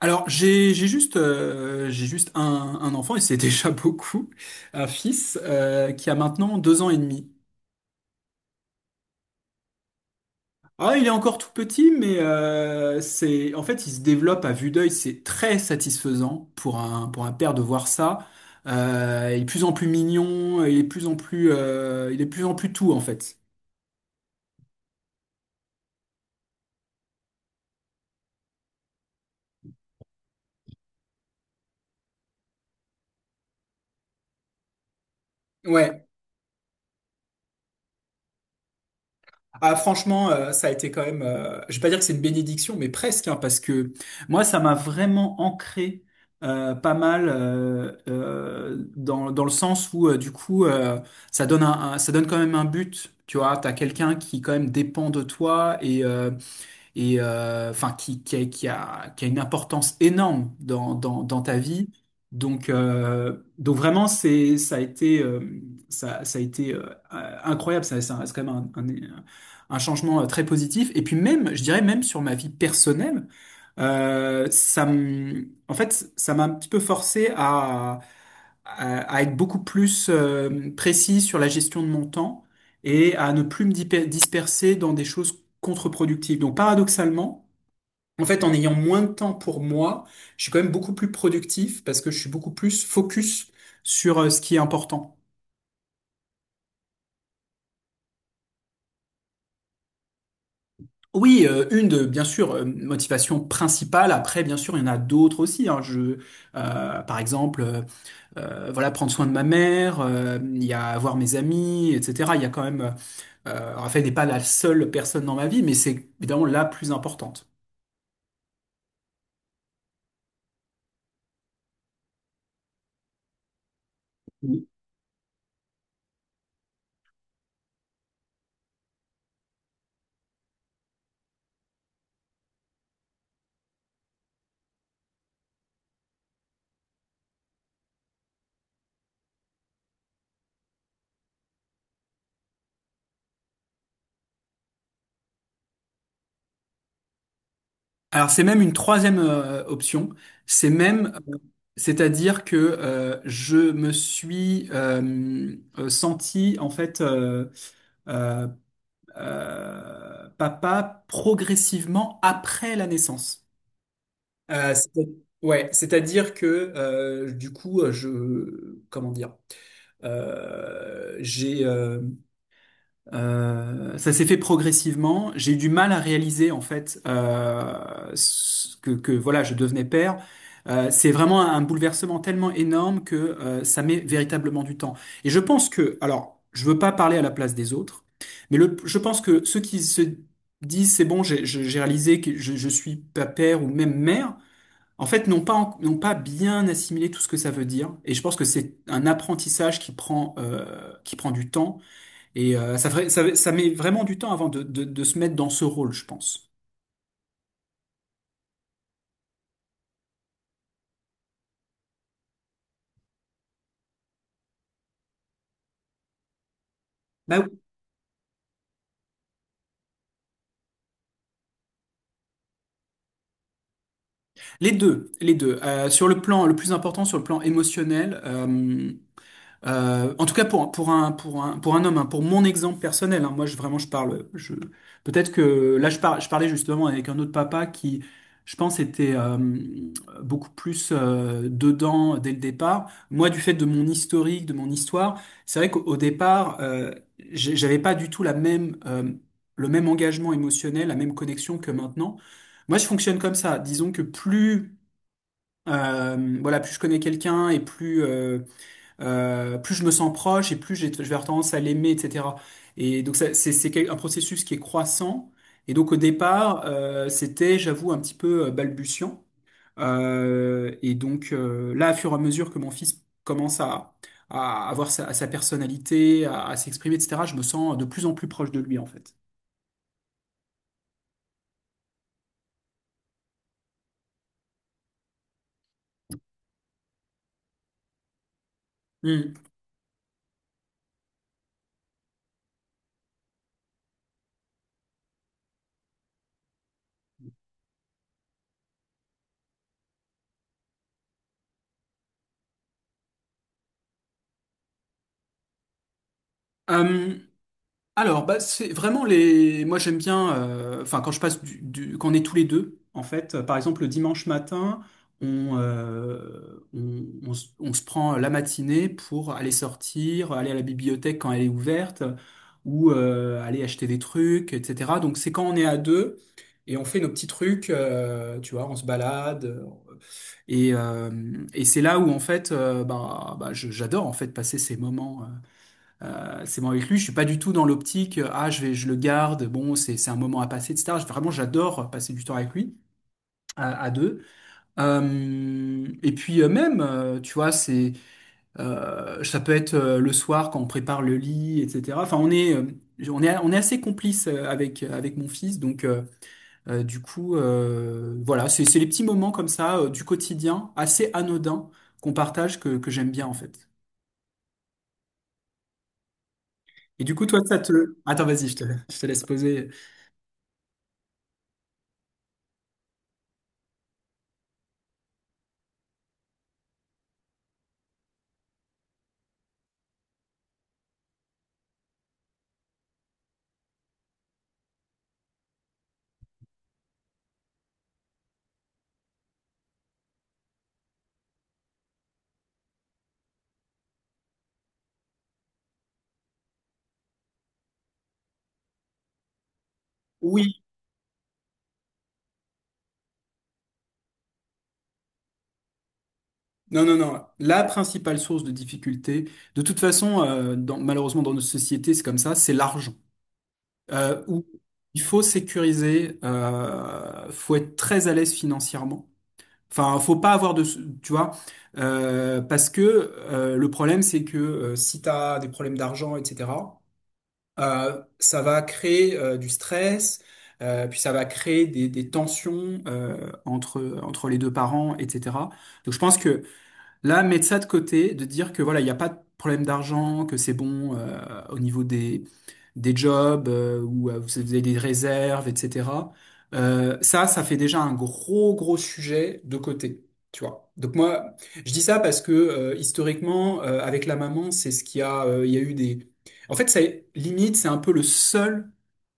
Alors, j'ai juste un enfant, et c'est déjà beaucoup, un fils, qui a maintenant 2 ans et demi. Ah, il est encore tout petit, mais en fait, il se développe à vue d'œil, c'est très satisfaisant pour pour un père de voir ça. Il est de plus en plus mignon, il est de plus en plus, il est de plus en plus tout, en fait. Ouais. Ah, franchement, ça a été quand même, je vais pas dire que c'est une bénédiction, mais presque, hein, parce que moi, ça m'a vraiment ancré, pas mal, dans le sens où, du coup, ça donne ça donne quand même un but, tu vois, t'as quelqu'un qui quand même dépend de toi et enfin qui a une importance énorme dans ta vie. Donc vraiment, ça a été, ça a été, incroyable. C'est quand même un changement, très positif. Et puis même, je dirais même sur ma vie personnelle, en fait, ça m'a un petit peu forcé à être beaucoup plus, précis sur la gestion de mon temps et à ne plus disperser dans des choses contre-productif. Donc paradoxalement, en fait, en ayant moins de temps pour moi, je suis quand même beaucoup plus productif parce que je suis beaucoup plus focus sur, ce qui est important. Oui, bien sûr, motivation principale. Après, bien sûr, il y en a d'autres aussi, hein. Par exemple, voilà, prendre soin de ma mère, il y a voir mes amis, etc. Il y a quand même, Raphaël n'est pas la seule personne dans ma vie, mais c'est évidemment la plus importante. Alors c'est même une troisième, option. C'est même, euh, C'est-à-dire que, je me suis, senti en fait euh, papa progressivement après la naissance. Euh, c'est- ouais, c'est-à-dire que, du coup, comment dire, j'ai ça s'est fait progressivement. J'ai eu du mal à réaliser en fait, que voilà, je devenais père. C'est vraiment un bouleversement tellement énorme que, ça met véritablement du temps. Et je pense que, alors, je veux pas parler à la place des autres, mais je pense que ceux qui se disent c'est bon, j'ai réalisé que je suis pas père ou même mère, en fait, n'ont pas bien assimilé tout ce que ça veut dire. Et je pense que c'est un apprentissage qui prend, qui prend du temps et, ça met vraiment du temps avant de se mettre dans ce rôle, je pense. Bah oui. Les deux, les deux. Le plus important, sur le plan émotionnel. En tout cas pour un homme, hein, pour mon exemple personnel, hein, moi je vraiment je parle je peut-être que là je parlais justement avec un autre papa qui je pense était, beaucoup plus, dedans dès le départ. Moi du fait de mon historique, de mon histoire, c'est vrai qu'au départ, j'avais pas du tout la même, le même engagement émotionnel, la même connexion que maintenant. Moi je fonctionne comme ça, disons que plus, voilà plus je connais quelqu'un et plus, plus je me sens proche et plus je vais avoir tendance à l'aimer, etc. Et donc ça, un processus qui est croissant. Et donc au départ, c'était, j'avoue, un petit peu, balbutiant. Et donc, là, au fur et à mesure que mon fils commence à avoir sa personnalité, à s'exprimer, etc., je me sens de plus en plus proche de lui, en fait. Hmm. Euh, Alors, bah, c'est vraiment les. Moi, j'aime bien. Enfin, quand je passe quand on est tous les deux, en fait, par exemple, le dimanche matin, on se prend la matinée pour aller sortir, aller à la bibliothèque quand elle est ouverte, ou, aller acheter des trucs, etc. Donc, c'est quand on est à deux et on fait nos petits trucs, tu vois, on se balade. Et, euh, et c'est là où en fait, bah, j'adore en fait passer ces moments. C'est bon avec lui, je suis pas du tout dans l'optique, ah, je le garde, bon, c'est un moment à passer, etc. Vraiment, j'adore passer du temps avec lui, à deux. Et puis, même, tu vois, ça peut être, le soir quand on prépare le lit, etc. Enfin, on est assez complices, avec mon fils, donc, du coup, voilà, c'est les petits moments comme ça, du quotidien, assez anodins, qu'on partage, que j'aime bien, en fait. Et du coup, toi, ça te... Attends, vas-y, je te laisse poser. Oui. Non, non, non. La principale source de difficulté, de toute façon, malheureusement dans notre société, c'est comme ça, c'est l'argent. Où il faut sécuriser, faut être très à l'aise financièrement. Enfin, faut pas avoir de, tu vois, parce que, le problème, c'est que, si tu as des problèmes d'argent, etc., ça va créer, du stress, puis ça va créer des tensions, entre les deux parents, etc. Donc, je pense que là, mettre ça de côté, de dire que voilà, il n'y a pas de problème d'argent, que c'est bon, au niveau des jobs, ou, vous avez des réserves, etc. Ça fait déjà un gros, gros sujet de côté. Tu vois. Donc moi, je dis ça parce que, historiquement, avec la maman, c'est ce qu'il y a, il y a eu des. En fait, c'est limite, c'est un peu le seul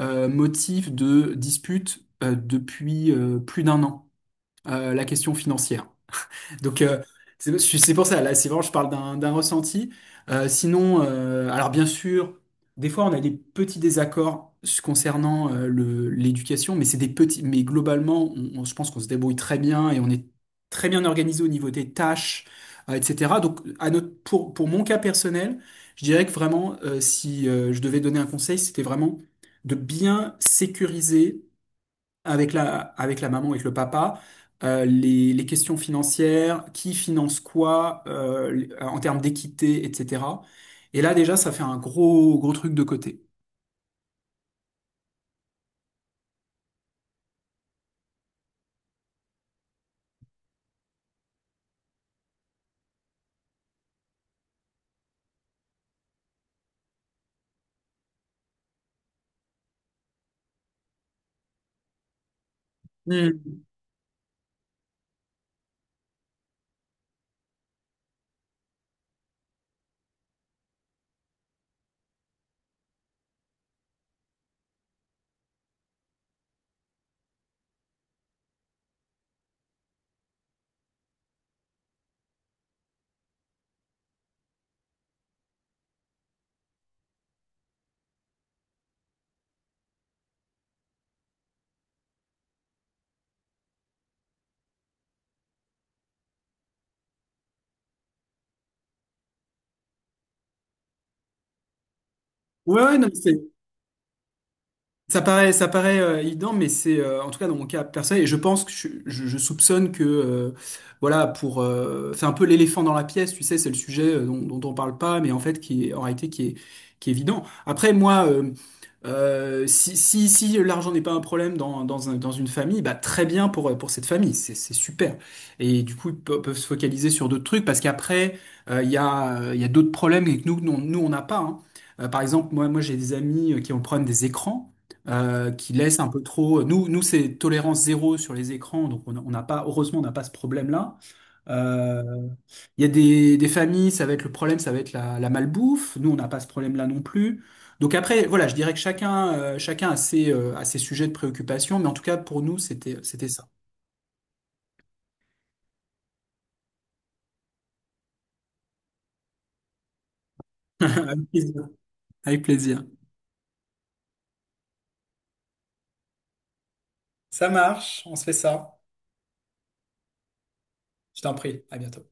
euh, motif de dispute, depuis, plus d'un an, la question financière. Donc, c'est pour ça, là, c'est vraiment, je parle d'un ressenti. Sinon, alors bien sûr, des fois, on a des petits désaccords concernant, l'éducation, mais c'est des petits, mais globalement, je pense qu'on se débrouille très bien et on est très bien organisé au niveau des tâches, etc. Donc, pour mon cas personnel, je dirais que vraiment, si, je devais donner un conseil, c'était vraiment de bien sécuriser avec la maman, avec le papa, les questions financières, qui finance quoi, en termes d'équité, etc. Et là, déjà, ça fait un gros, gros truc de côté. Hmm. Ouais, ouais, non. Ça paraît, ça paraît, évident, mais c'est, en tout cas dans mon cas personnel, et je pense que je soupçonne que, voilà pour c'est un peu l'éléphant dans la pièce, tu sais, c'est le sujet, dont on parle pas, mais en fait qui est en réalité qui est évident. Après moi, si l'argent n'est pas un problème dans une famille, bah très bien pour cette famille, c'est super. Et du coup peuvent se focaliser sur d'autres trucs parce qu'après, il y a d'autres problèmes que nous on n'a pas, hein. Par exemple moi moi j'ai des amis, qui ont le problème des écrans, qui laisse un peu trop. Nous, nous c'est tolérance zéro sur les écrans, donc on n'a pas, heureusement, on n'a pas ce problème-là. Euh, Il y a des familles, ça va être le problème, ça va être la malbouffe. Nous, on n'a pas ce problème-là non plus. Donc après, voilà, je dirais que chacun a ses sujets de préoccupation, mais en tout cas, pour nous, c'était ça. Avec plaisir. Avec plaisir. Ça marche, on se fait ça. Je t'en prie, à bientôt.